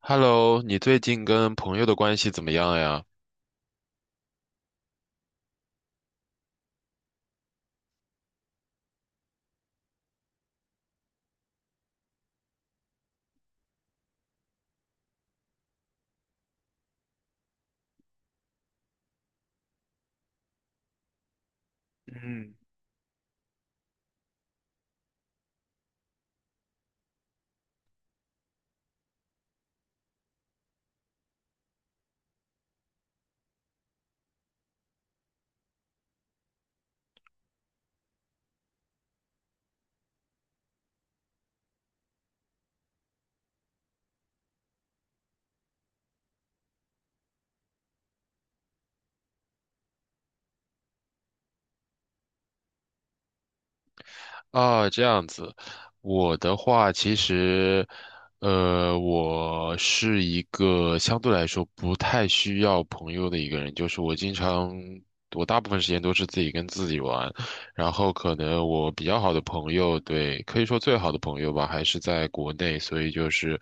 Hello,你最近跟朋友的关系怎么样呀？啊，这样子，我的话其实,我是一个相对来说不太需要朋友的一个人，就是我经常，我大部分时间都是自己跟自己玩，然后可能我比较好的朋友，对，可以说最好的朋友吧，还是在国内，所以就是，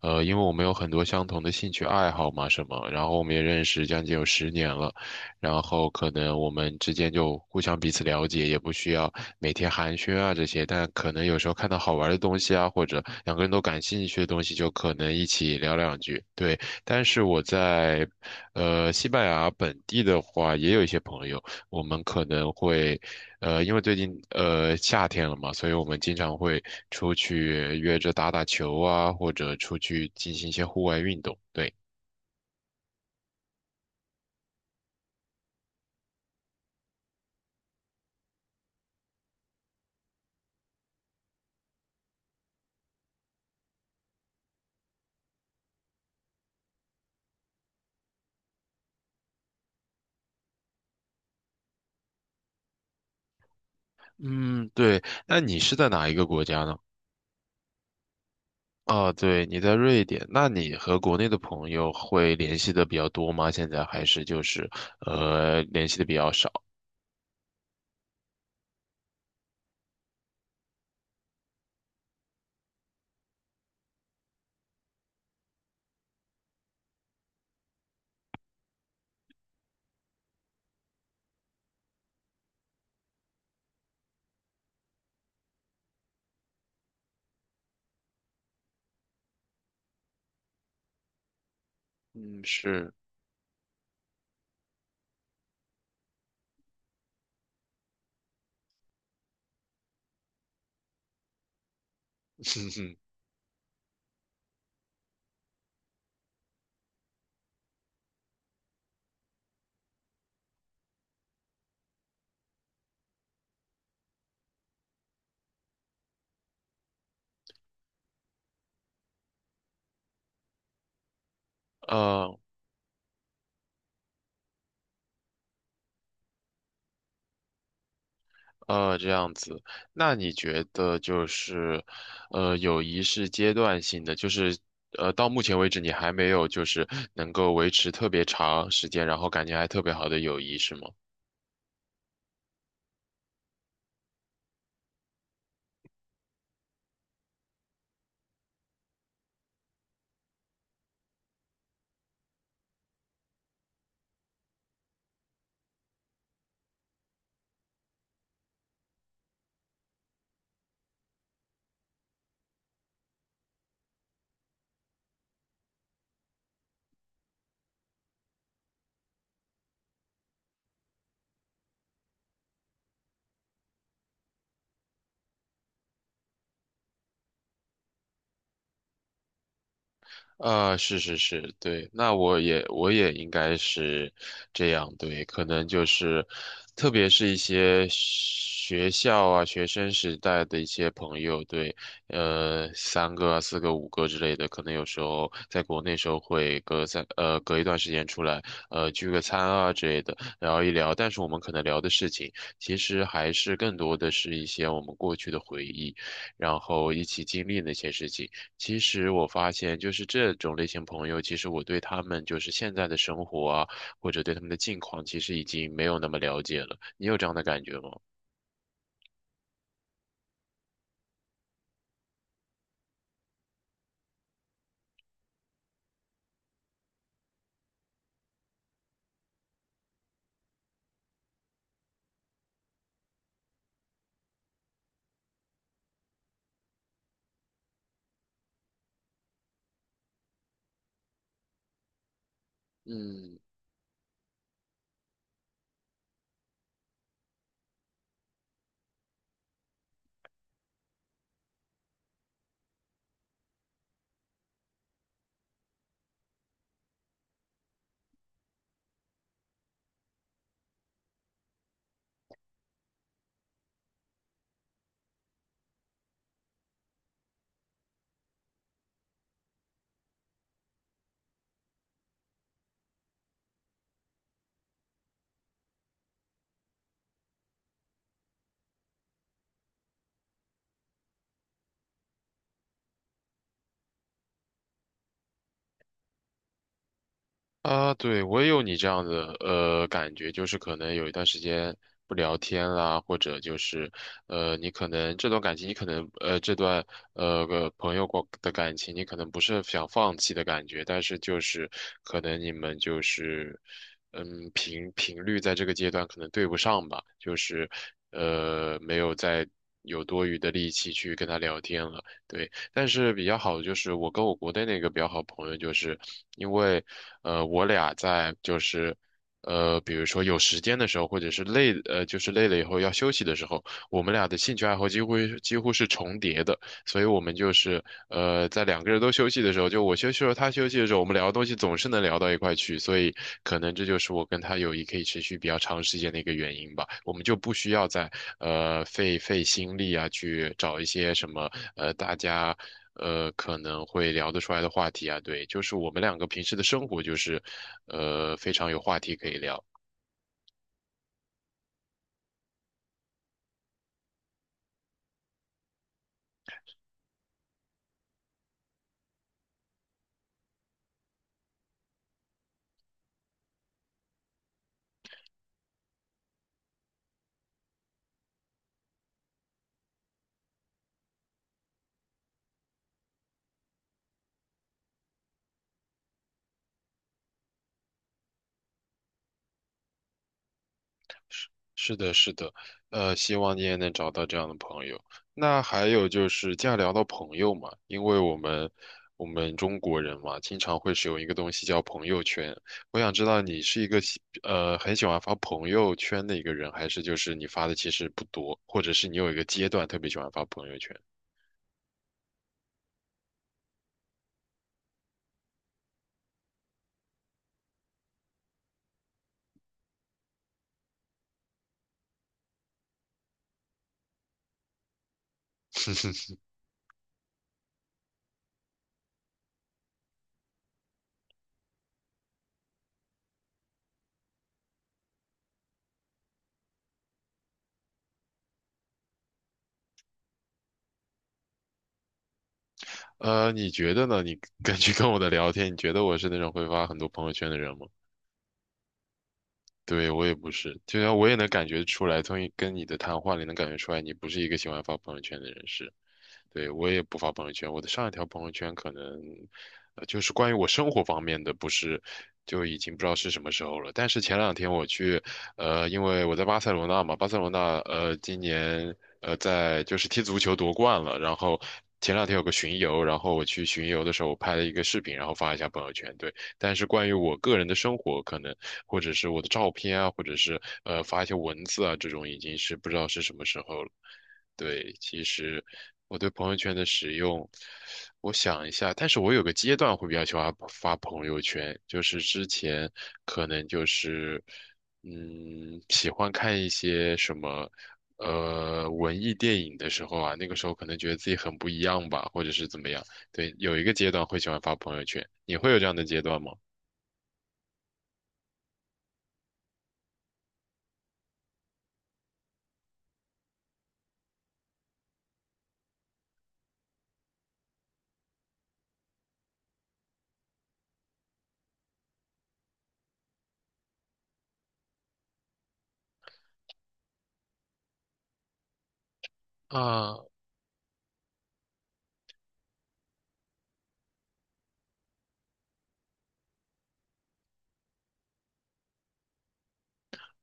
因为我们有很多相同的兴趣爱好嘛，什么，然后我们也认识将近有10年了。然后可能我们之间就互相彼此了解，也不需要每天寒暄啊这些，但可能有时候看到好玩的东西啊，或者两个人都感兴趣的东西，就可能一起聊两句。对，但是我在西班牙本地的话，也有一些朋友，我们可能会因为最近夏天了嘛，所以我们经常会出去约着打打球啊，或者出去进行一些户外运动。对，嗯，对，那你是在哪一个国家呢？啊，对，你在瑞典，那你和国内的朋友会联系的比较多吗？现在还是就是联系的比较少？嗯，是，哼哼呃这样子。那你觉得就是友谊是阶段性的，就是到目前为止你还没有就是能够维持特别长时间，然后感情还特别好的友谊是吗？啊，是是是，对，那我也应该是这样，对，可能就是，特别是一些学校啊、学生时代的一些朋友，对，呃，三个啊、四个、五个之类的，可能有时候在国内时候会隔三隔一段时间出来，聚个餐啊之类的，聊一聊，但是我们可能聊的事情，其实还是更多的是一些我们过去的回忆，然后一起经历那些事情。其实我发现，就是这种类型朋友，其实我对他们就是现在的生活啊，或者对他们的近况，其实已经没有那么了解了。你有这样的感觉吗？嗯。啊，对，我也有你这样的感觉，就是可能有一段时间不聊天啦，或者就是你可能这段感情，你可能这段个朋友过的感情，你可能不是想放弃的感觉，但是就是可能你们就是嗯频率在这个阶段可能对不上吧，就是没有再有多余的力气去跟他聊天了，对。但是比较好的就是我跟我国内那个比较好的朋友，就是因为我俩在就是比如说有时间的时候，或者是累就是累了以后要休息的时候，我们俩的兴趣爱好几乎是重叠的。所以我们就是在两个人都休息的时候，就我休息的时候，他休息的时候，我们聊的东西总是能聊到一块去，所以可能这就是我跟他友谊可以持续比较长时间的一个原因吧。我们就不需要再费心力啊，去找一些什么大家。呃，可能会聊得出来的话题啊，对，就是我们两个平时的生活就是，呃，非常有话题可以聊。是的，是的，希望你也能找到这样的朋友。那还有就是既然聊到朋友嘛，因为我们中国人嘛，经常会使用一个东西叫朋友圈。我想知道你是一个很喜欢发朋友圈的一个人，还是就是你发的其实不多，或者是你有一个阶段特别喜欢发朋友圈？呃，你觉得呢？你 根据跟我的聊天，你觉得我是那种会发很多朋友圈的人吗？对，我也不是，就像我也能感觉出来，从你跟你的谈话里能感觉出来，你不是一个喜欢发朋友圈的人士。对，我也不发朋友圈，我的上一条朋友圈可能，呃，就是关于我生活方面的，不是，就已经不知道是什么时候了。但是前两天我去，呃，因为我在巴塞罗那嘛，巴塞罗那，呃，今年，呃，在就是踢足球夺冠了，然后。前两天有个巡游，然后我去巡游的时候，我拍了一个视频，然后发一下朋友圈。对，但是关于我个人的生活，可能或者是我的照片啊，或者是发一些文字啊，这种已经是不知道是什么时候了。对，其实我对朋友圈的使用，我想一下，但是我有个阶段会比较喜欢发朋友圈，就是之前可能就是，嗯，喜欢看一些什么，呃，文艺电影的时候啊，那个时候可能觉得自己很不一样吧，或者是怎么样，对，有一个阶段会喜欢发朋友圈，你会有这样的阶段吗？啊。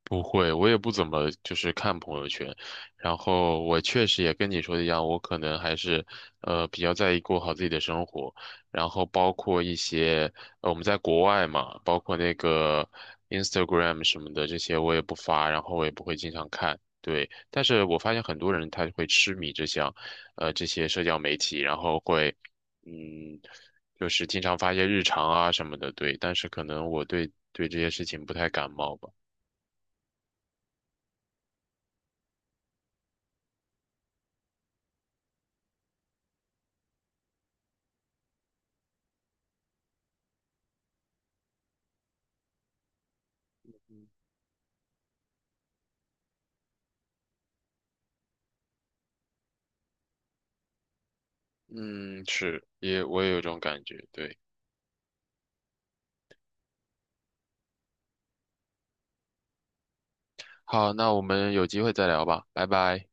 不会，我也不怎么就是看朋友圈，然后我确实也跟你说的一样，我可能还是比较在意过好自己的生活，然后包括一些我们在国外嘛，包括那个 Instagram 什么的这些我也不发，然后我也不会经常看，对，但是我发现很多人他会痴迷这项，这些社交媒体，然后会嗯就是经常发一些日常啊什么的，对，但是可能我对这些事情不太感冒吧。嗯，是，也我也有这种感觉，对。好，那我们有机会再聊吧，拜拜。